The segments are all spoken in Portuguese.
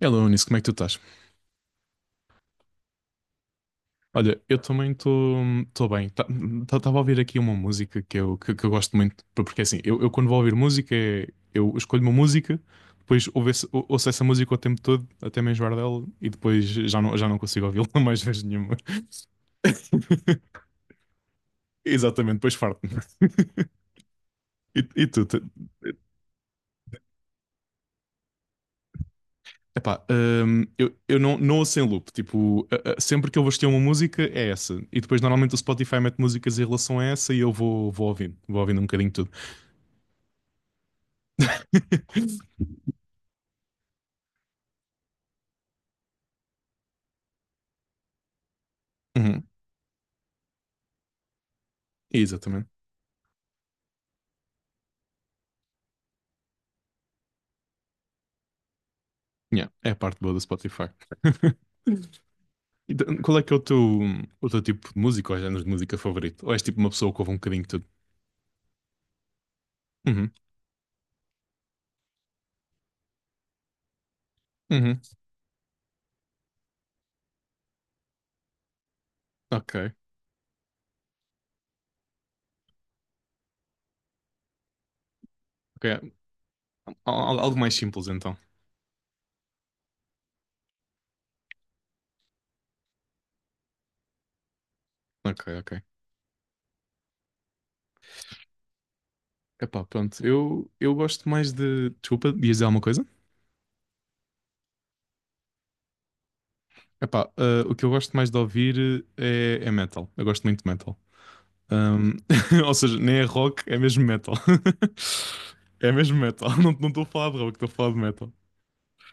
Hello, Unis, como é que tu estás? Olha, eu também estou bem. Estava a ouvir aqui uma música que eu gosto muito, porque assim, eu quando vou ouvir música, eu escolho uma música, depois ouço essa música o tempo todo, até me enjoar dela, e depois já não consigo ouvi-la mais vezes nenhuma. Exatamente, depois farto-me. E tu. Epá, eu não ouço em loop. Tipo, sempre que eu vou assistir uma música, é essa. E depois, normalmente, o Spotify mete músicas em relação a essa e eu vou ouvindo. Vou ouvindo um bocadinho de tudo. Uhum, exatamente. Yeah, é a parte boa do Spotify. Então, qual é que é o teu tipo de música ou género de música favorito? Ou és tipo uma pessoa que ouve um bocadinho de tudo? Uhum, uhum, ok. Ok. Algo mais simples, então. Ok, ok. Epá, pronto. Eu gosto mais de. Desculpa, ias dizer alguma coisa? Epá, o que eu gosto mais de ouvir é, metal. Eu gosto muito de metal. Ahm, ou seja, nem é rock, é mesmo metal. É mesmo metal. Não, não estou a falar de rock, estou a falar de metal.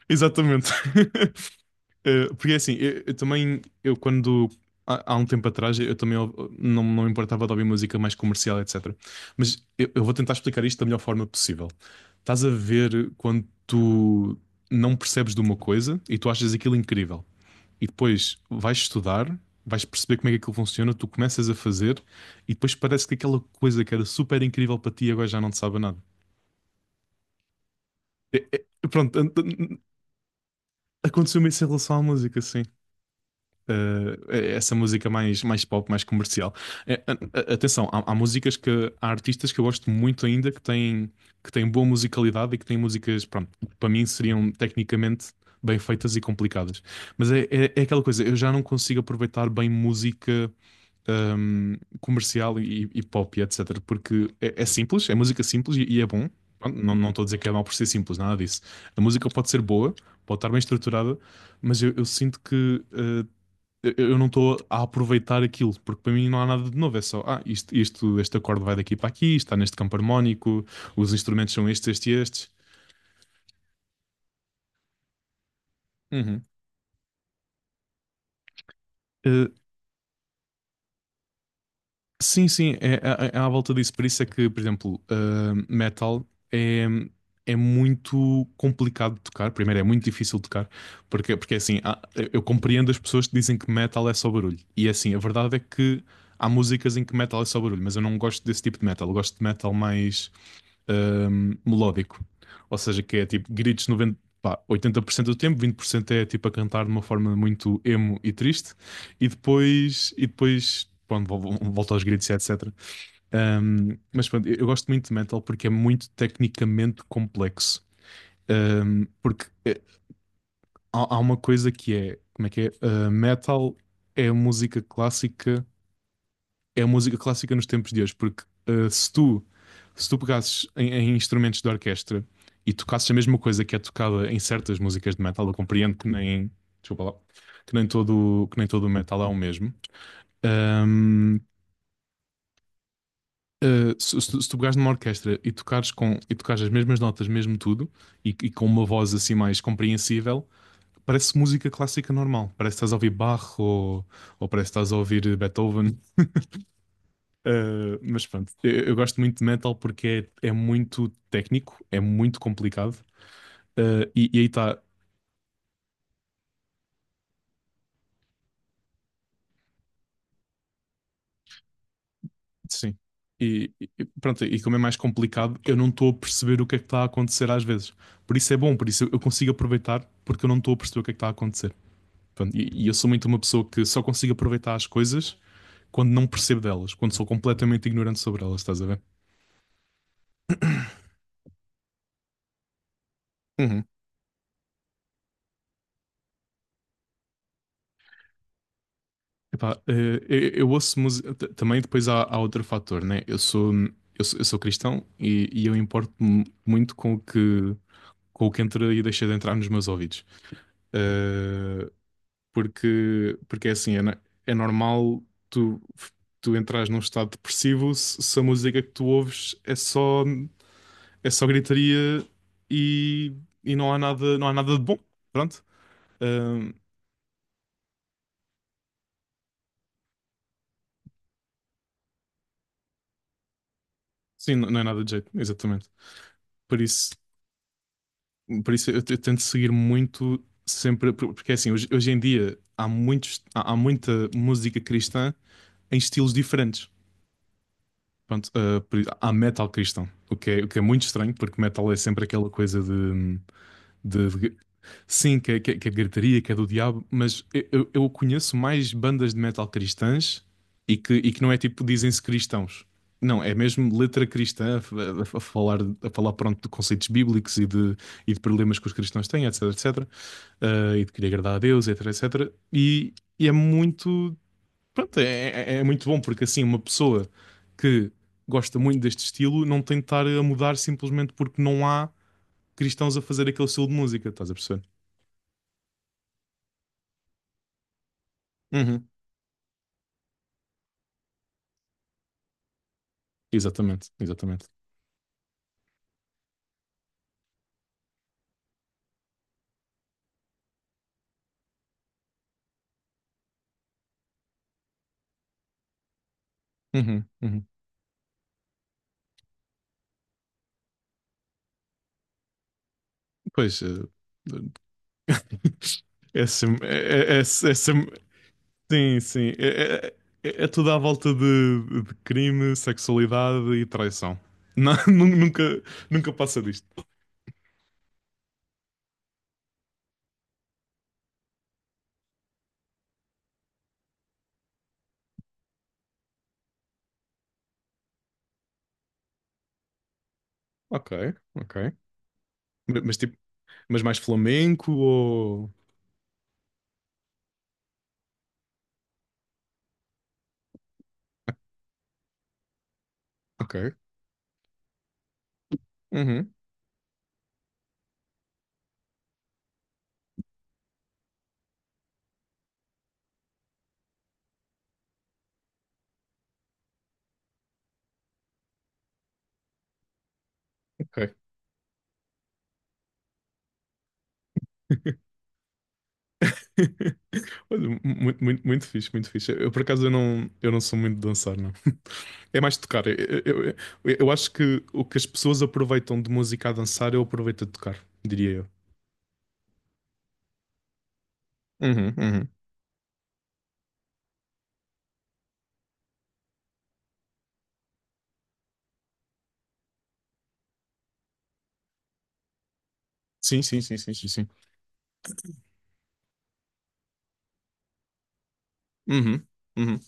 Exatamente. Porque é assim, eu também, eu quando. Há um tempo atrás eu também não me importava de ouvir música mais comercial, etc. Mas eu vou tentar explicar isto da melhor forma possível. Estás a ver quando tu não percebes de uma coisa e tu achas aquilo incrível e depois vais estudar, vais perceber como é que aquilo funciona, tu começas a fazer e depois parece que aquela coisa que era super incrível para ti agora já não te sabe a nada. Pronto, aconteceu-me isso em relação à música, sim. Essa música mais, pop, mais comercial. Atenção, há músicas que há artistas que eu gosto muito ainda que têm boa musicalidade e que têm músicas, pronto, que para mim seriam tecnicamente bem feitas e complicadas. Mas é aquela coisa, eu já não consigo aproveitar bem música comercial e pop, e etc. Porque é simples, é música simples e é bom. Não, estou a dizer que é mau por ser simples, nada disso. A música pode ser boa, pode estar bem estruturada, mas eu sinto que eu não estou a aproveitar aquilo, porque para mim não há nada de novo, é só, isto, este acorde vai daqui para aqui, está neste campo harmónico, os instrumentos são estes, estes e estes. Uhum. Eh, Sim, sim, é à volta disso. Por isso é que, por exemplo, metal é, é muito complicado de tocar. Primeiro, é muito difícil de tocar, porque é assim, eu compreendo as pessoas que dizem que metal é só barulho. E é assim, a verdade é que há músicas em que metal é só barulho, mas eu não gosto desse tipo de metal. Eu gosto de metal mais melódico. Ou seja, que é tipo gritos 90, pá, 80% do tempo, 20% é tipo a cantar de uma forma muito emo e triste, e depois pronto, volta aos gritos, e etc. Mas pronto, eu gosto muito de metal porque é muito tecnicamente complexo. Porque há uma coisa que é, como é que é? Metal é música clássica, é música clássica nos tempos de hoje, porque uh, se tu se tu pegasses em, instrumentos de orquestra e tocasses a mesma coisa que é tocada em certas músicas de metal, eu compreendo que nem, desculpa lá, que nem todo, o metal é o mesmo. Ahm, se pegares numa orquestra e tocares as mesmas notas, mesmo tudo, e com uma voz assim mais compreensível, parece música clássica normal. Parece que estás a ouvir Bach ou, parece que estás a ouvir Beethoven. Mas pronto, eu gosto muito de metal porque é muito técnico, é muito complicado. E aí está, sim. E pronto, e como é mais complicado, eu não estou a perceber o que é que está a acontecer às vezes. Por isso é bom, por isso eu consigo aproveitar, porque eu não estou a perceber o que é que está a acontecer. Pronto, e, eu sou muito uma pessoa que só consigo aproveitar as coisas quando não percebo delas, quando sou completamente ignorante sobre elas, estás a ver? Uhum. Epá, eu, ouço música. Também depois há outro fator, né? Eu sou cristão e eu importo-me muito com o que, entra e deixa de entrar nos meus ouvidos. Eh, porque, é assim, é normal tu, tu, entrares num estado depressivo se a música que tu ouves é só, gritaria e, e não há nada de bom. Pronto. Ahm, sim, não, não é nada de jeito, exatamente. Por isso, por isso, eu tento seguir muito sempre, porque é assim, hoje em dia há muitos, há muita música cristã em estilos diferentes. Pronto, há metal cristão, o que é muito estranho, porque metal é sempre aquela coisa de, de- de- sim, que é gritaria, que é do diabo, mas eu, eu conheço mais bandas de metal cristãs e que, não é tipo dizem-se cristãos. Não, é mesmo letra cristã a, a falar, a falar, pronto, de conceitos bíblicos e de problemas que os cristãos têm, etc, etc. E de querer agradar a Deus, etc, etc. E é muito, pronto, é, é muito bom porque assim uma pessoa que gosta muito deste estilo não tem de estar a mudar simplesmente porque não há cristãos a fazer aquele estilo de música, estás a perceber? Uhum, exatamente, exatamente. Uhum, uhum. Pois, é, sem- é, é, é, sem- sim, sim, é tudo à volta de crime, sexualidade e traição. Não, nunca passa disto. Ok, ok. Mas, tipo, mais flamenco ou... Ok, uhum, ok. Olha, muito, muito fixe, muito fixe. Eu, por acaso, eu não sou muito de dançar, não. É mais de tocar. Eu, eu, eu acho que o que as pessoas aproveitam de música a dançar, eu aproveito a tocar, diria eu. Uhum, uhum. Sim, sim, sim, sim, sim, sim. Uhum, uhum.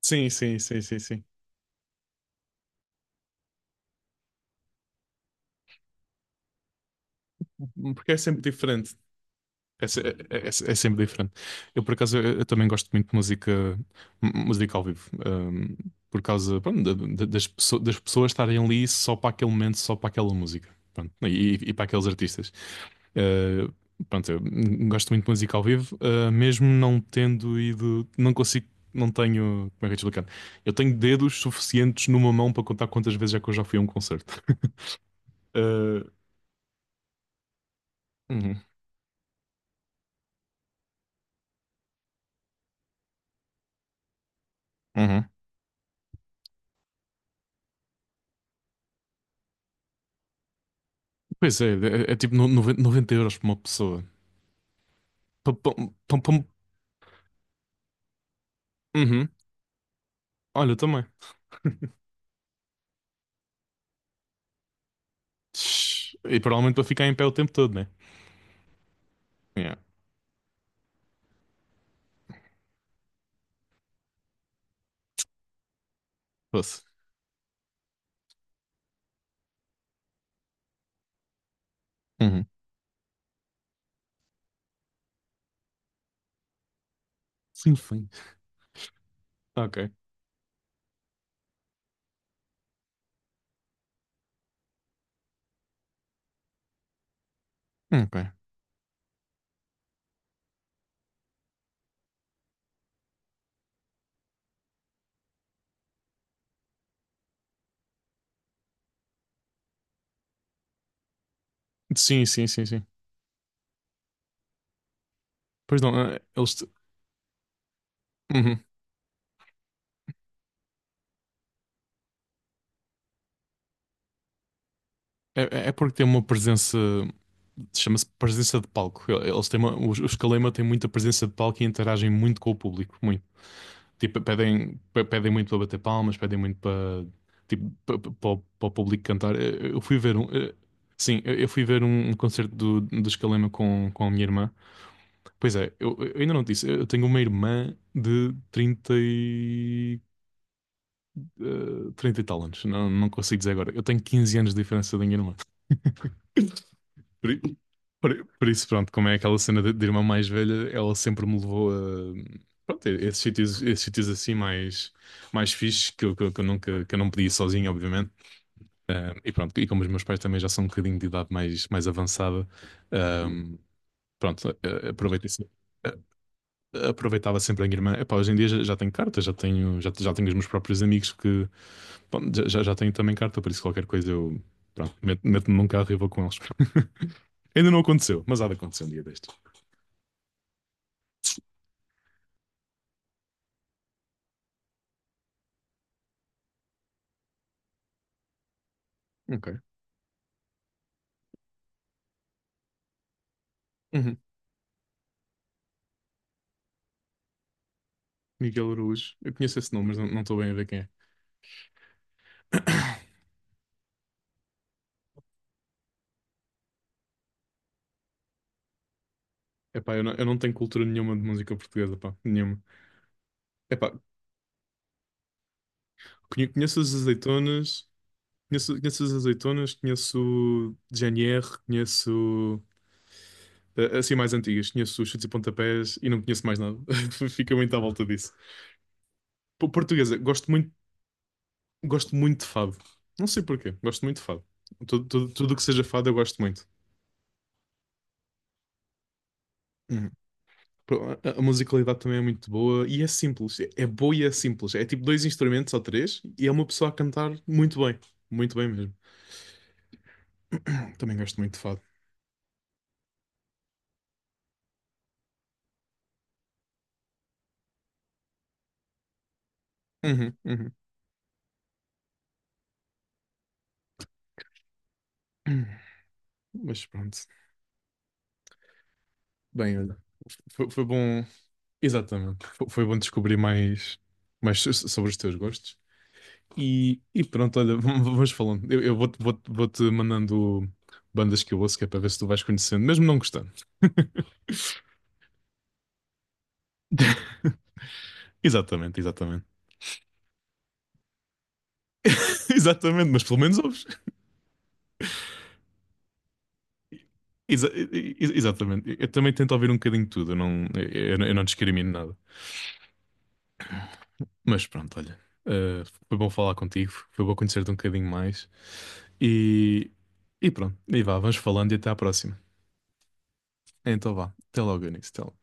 Sim, sim, sim, sim, sim. Porque é sempre diferente. É, se- é- é sempre diferente. Eu, por acaso, eu também gosto muito de música, música ao vivo, por causa, pronto, das pessoas estarem ali só para aquele momento, só para aquela música, pronto, e para aqueles artistas. Uh, Pronto, eu, gosto muito de música ao vivo, mesmo não tendo ido, não consigo, não tenho, como é que eu te explicar? Eu tenho dedos suficientes numa mão para contar quantas vezes é que eu já fui a um concerto. Uh, uhum, uhum. Pois é, é tipo 90 euros por uma pessoa. Pum, pum, pum, pum. Uhum. Olha, eu também. Shhh. E provavelmente para ficar em pé o tempo todo, né? Yeah. Fosse. Uhum. Sim, sim. Ok. Ok. Sim, sim, sim, sim. Pois não, eles. Uhum. É porque tem uma presença. Chama-se presença de palco. Eles têm uma, os Kalema têm muita presença de palco e interagem muito com o público. Tipo, pedem muito para bater palmas, pedem muito para tipo, para o público cantar. Eu fui ver um. Sim, eu fui ver um, concerto do, Escalema com a minha irmã. Pois é, eu ainda não te disse, eu tenho uma irmã de 30 e tal anos, não consigo dizer agora. Eu tenho 15 anos de diferença da minha irmã. Por, i- por isso, pronto, como é aquela cena de irmã mais velha, ela sempre me levou a pronto, a esses sítios, assim mais fixes que eu, que eu nunca que eu não podia ir sozinho, obviamente. E pronto, e como os meus pais também já são um bocadinho de idade mais, avançada, ah, pronto, aproveitei ah, Aproveitava sempre a minha irmã. Epá, hoje em dia já tenho carta, já tenho os meus próprios amigos que bom, já tenho também carta, por isso qualquer coisa eu pronto, meto-me num carro e vou com eles. Ainda não aconteceu, mas há de acontecer um dia destes. Ok. Uhum. Miguel Araújo. Eu conheço esse nome, mas não estou bem a ver quem é. Epá, eu não, tenho cultura nenhuma de música portuguesa, pá. Nenhuma. Epá, conheço as Azeitonas, conheço GNR, conheço assim mais antigas, conheço os Chutes e Pontapés e não conheço mais nada. Fica muito à volta disso. Portuguesa, gosto muito de fado. Não sei porquê, gosto muito de fado. Tudo, tudo, tudo o que seja fado eu gosto muito. A musicalidade também é muito boa e é simples. É boa e é simples. É tipo dois instrumentos ou três e é uma pessoa a cantar muito bem. Muito bem mesmo. Também gosto muito de fado. Uhum, uhum. Mas pronto. Bem, olha. Foi bom. Exatamente. Foi bom descobrir mais sobre os teus gostos. E pronto, olha, vamos falando. Eu vou-te mandando bandas que eu ouço, que é para ver se tu vais conhecendo, mesmo não gostando. Exatamente, exatamente. Exatamente, mas pelo menos ouves. Exatamente. Eu também tento ouvir um bocadinho de tudo, eu não discrimino nada. Mas pronto, olha, eh, foi bom falar contigo, foi bom conhecer-te um bocadinho mais. E, e pronto, e vá, vamos falando e até à próxima. Então vá, até logo, Eunice. Até logo.